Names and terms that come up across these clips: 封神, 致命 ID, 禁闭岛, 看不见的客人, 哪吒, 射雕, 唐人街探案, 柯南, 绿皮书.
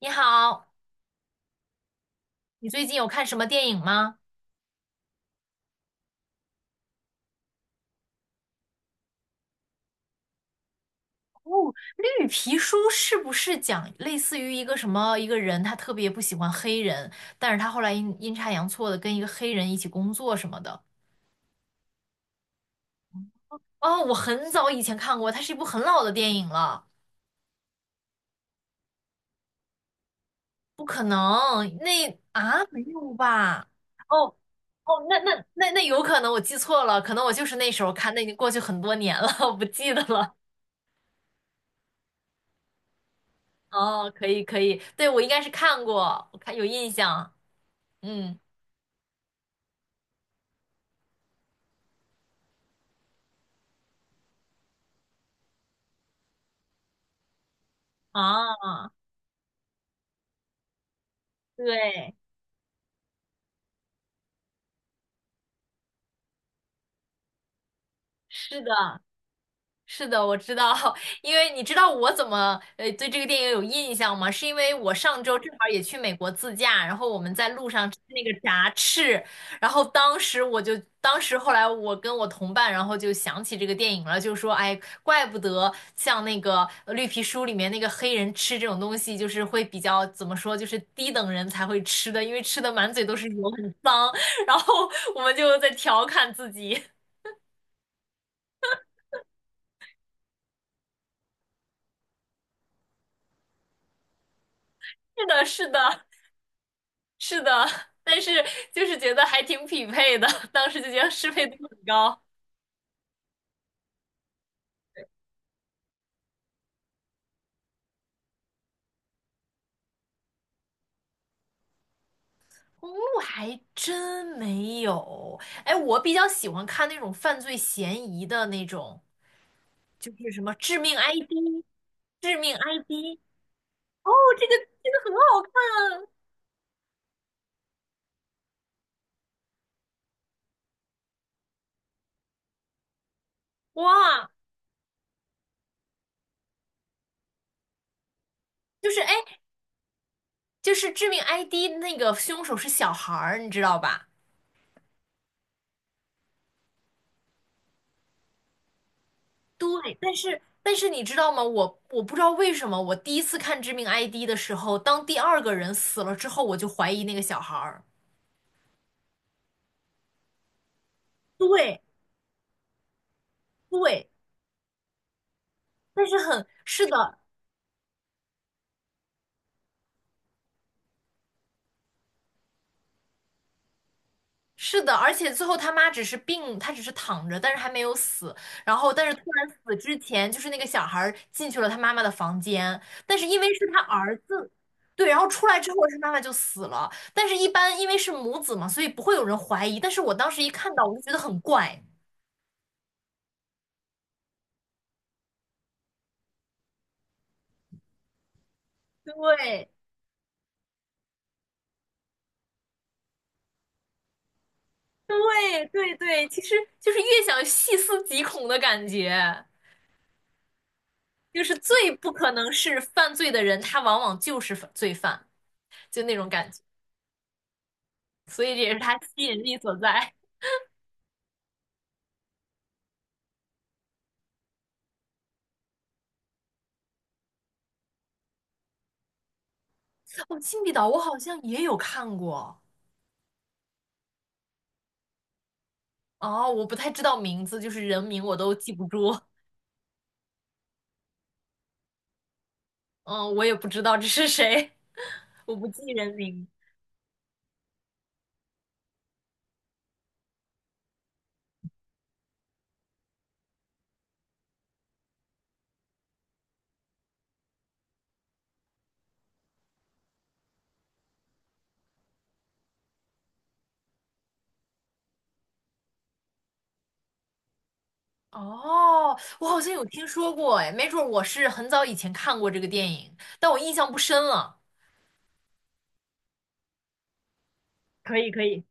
你好，你最近有看什么电影吗？绿皮书是不是讲类似于一个什么一个人，他特别不喜欢黑人，但是他后来阴差阳错的跟一个黑人一起工作什么的？哦，我很早以前看过，它是一部很老的电影了，不可能，那啊没有吧？哦哦，那有可能我记错了，可能我就是那时候看，那已经过去很多年了，我不记得了。哦，可以可以，对，我应该是看过，我看有印象，嗯。啊，对，是的，是的，我知道，因为你知道我怎么对这个电影有印象吗？是因为我上周正好也去美国自驾，然后我们在路上吃那个炸翅，然后当时后来我跟我同伴，然后就想起这个电影了，就说，哎，怪不得像那个绿皮书里面那个黑人吃这种东西，就是会比较怎么说，就是低等人才会吃的，因为吃的满嘴都是油，很脏。然后我们就在调侃自己，是的，是的。是的，但是就是觉得还挺匹配的，当时就觉得适配度很高。公路还真没有，哎，我比较喜欢看那种犯罪嫌疑的那种，就是什么致命 ID、致命 ID，哦，这个这个很好看哇，就是哎，就是致命 ID 那个凶手是小孩儿，你知道吧？对，但是你知道吗？我不知道为什么，我第一次看《致命 ID》的时候，当第二个人死了之后，我就怀疑那个小孩儿。对对，但是很，是的，是的，而且最后他妈只是病，他只是躺着，但是还没有死。然后，但是突然死之前，就是那个小孩儿进去了他妈妈的房间，但是因为是他儿子，对，然后出来之后他妈妈就死了。但是，一般因为是母子嘛，所以不会有人怀疑。但是我当时一看到，我就觉得很怪。对，对对对，其实就是越想细思极恐的感觉，就是最不可能是犯罪的人，他往往就是犯罪犯，就那种感觉，所以这也是他吸引力所在。哦，《禁闭岛》我好像也有看过，哦，我不太知道名字，就是人名我都记不住，嗯，我也不知道这是谁，我不记人名。哦，我好像有听说过，哎，没准儿我是很早以前看过这个电影，但我印象不深了。可以可以。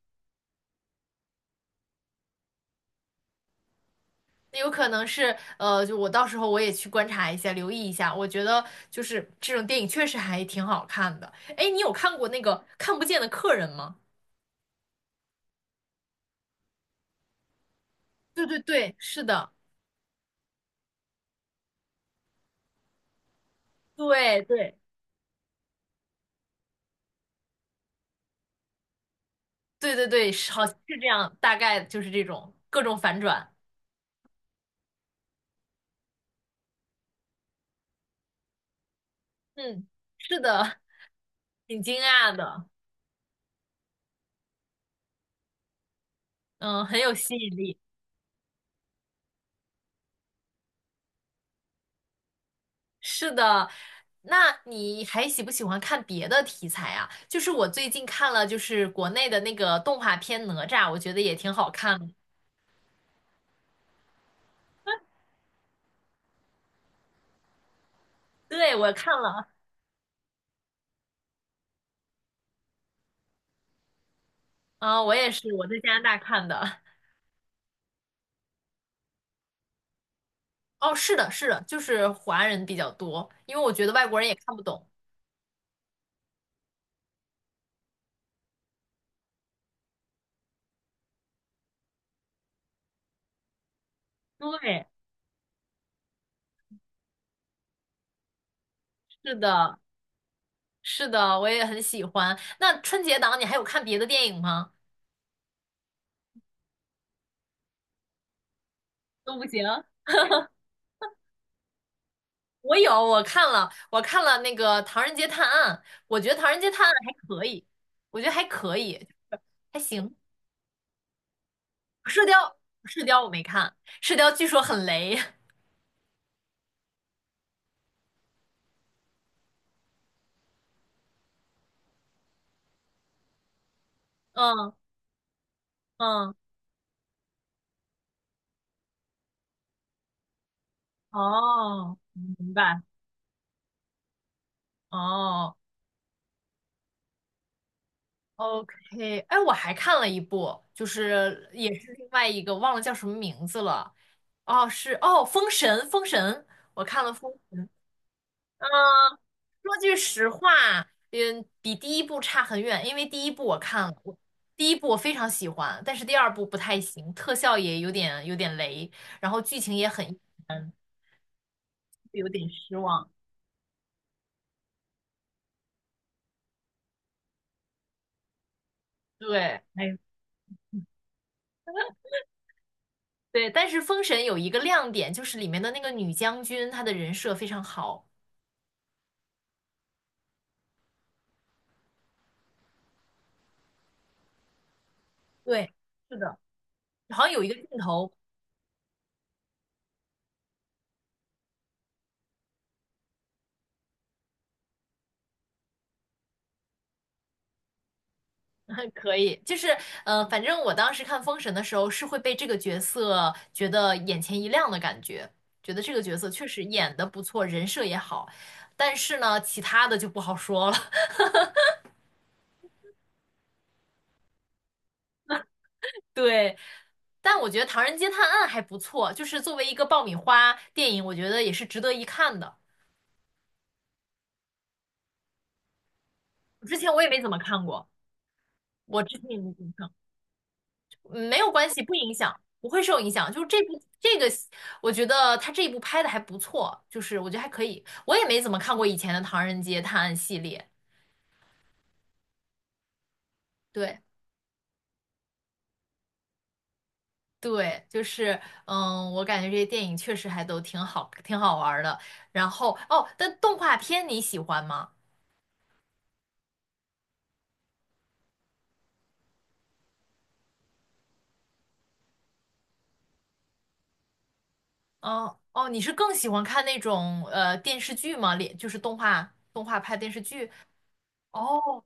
那有可能是，就我到时候我也去观察一下，留意一下。我觉得就是这种电影确实还挺好看的。哎，你有看过那个《看不见的客人》吗？对对对，是的，对对对对对，是好像是这样，大概就是这种各种反转。嗯，是的，挺惊讶的，嗯，很有吸引力。是的，那你还喜不喜欢看别的题材啊？就是我最近看了，就是国内的那个动画片《哪吒》，我觉得也挺好看的。对，我看了，嗯、我也是，我在加拿大看的。哦，是的，是的，就是华人比较多，因为我觉得外国人也看不懂。对，是的，是的，我也很喜欢。那春节档你还有看别的电影吗？都不行。我有，我看了那个《唐人街探案》，我觉得《唐人街探案》还可以，我觉得还可以，还行。射雕，射雕我没看，射雕据说很雷。嗯嗯，哦，明白。哦，OK，哎，我还看了一部，就是也是另外一个，忘了叫什么名字了。哦，是哦，《封神》，《封神》，我看了《封神》。嗯，说句实话，嗯，比第一部差很远，因为第一部我看了，我第一部我非常喜欢，但是第二部不太行，特效也有点雷，然后剧情也很有点失望。对，哎，对，但是《封神》有一个亮点，就是里面的那个女将军，她的人设非常好。对，是的。好像有一个镜头 可以，就是反正我当时看《封神》的时候是会被这个角色觉得眼前一亮的感觉，觉得这个角色确实演的不错，人设也好，但是呢，其他的就不好说了。对，但我觉得《唐人街探案》还不错，就是作为一个爆米花电影，我觉得也是值得一看的。之前我也没怎么看过，我之前也没怎么看过嗯没有关系，不影响，不会受影响。就是这部这个，我觉得他这一部拍的还不错，就是我觉得还可以。我也没怎么看过以前的《唐人街探案》系列，对对，就是嗯，我感觉这些电影确实还都挺好，挺好玩儿的。然后哦，但动画片你喜欢吗？嗯哦，你是更喜欢看那种电视剧吗？连就是动画拍电视剧哦，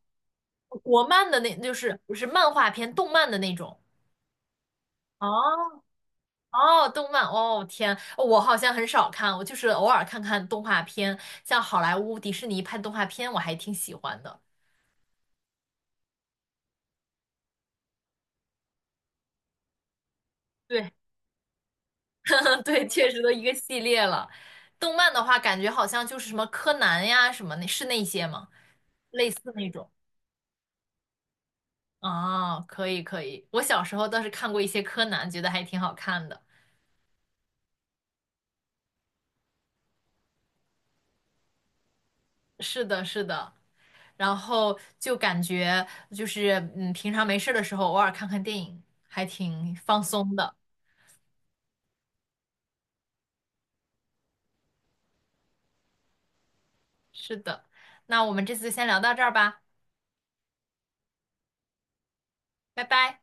国漫的那就是不是漫画片，动漫的那种。哦哦，动漫哦，天，哦我好像很少看，我就是偶尔看看动画片，像好莱坞、迪士尼拍动画片，我还挺喜欢的。对，对，确实都一个系列了。动漫的话，感觉好像就是什么柯南呀，什么那是那些吗？类似那种。啊，可以可以，我小时候倒是看过一些柯南，觉得还挺好看的。是的，是的。然后就感觉就是，嗯，平常没事儿的时候，偶尔看看电影，还挺放松的。是的，那我们这次先聊到这儿吧，拜拜。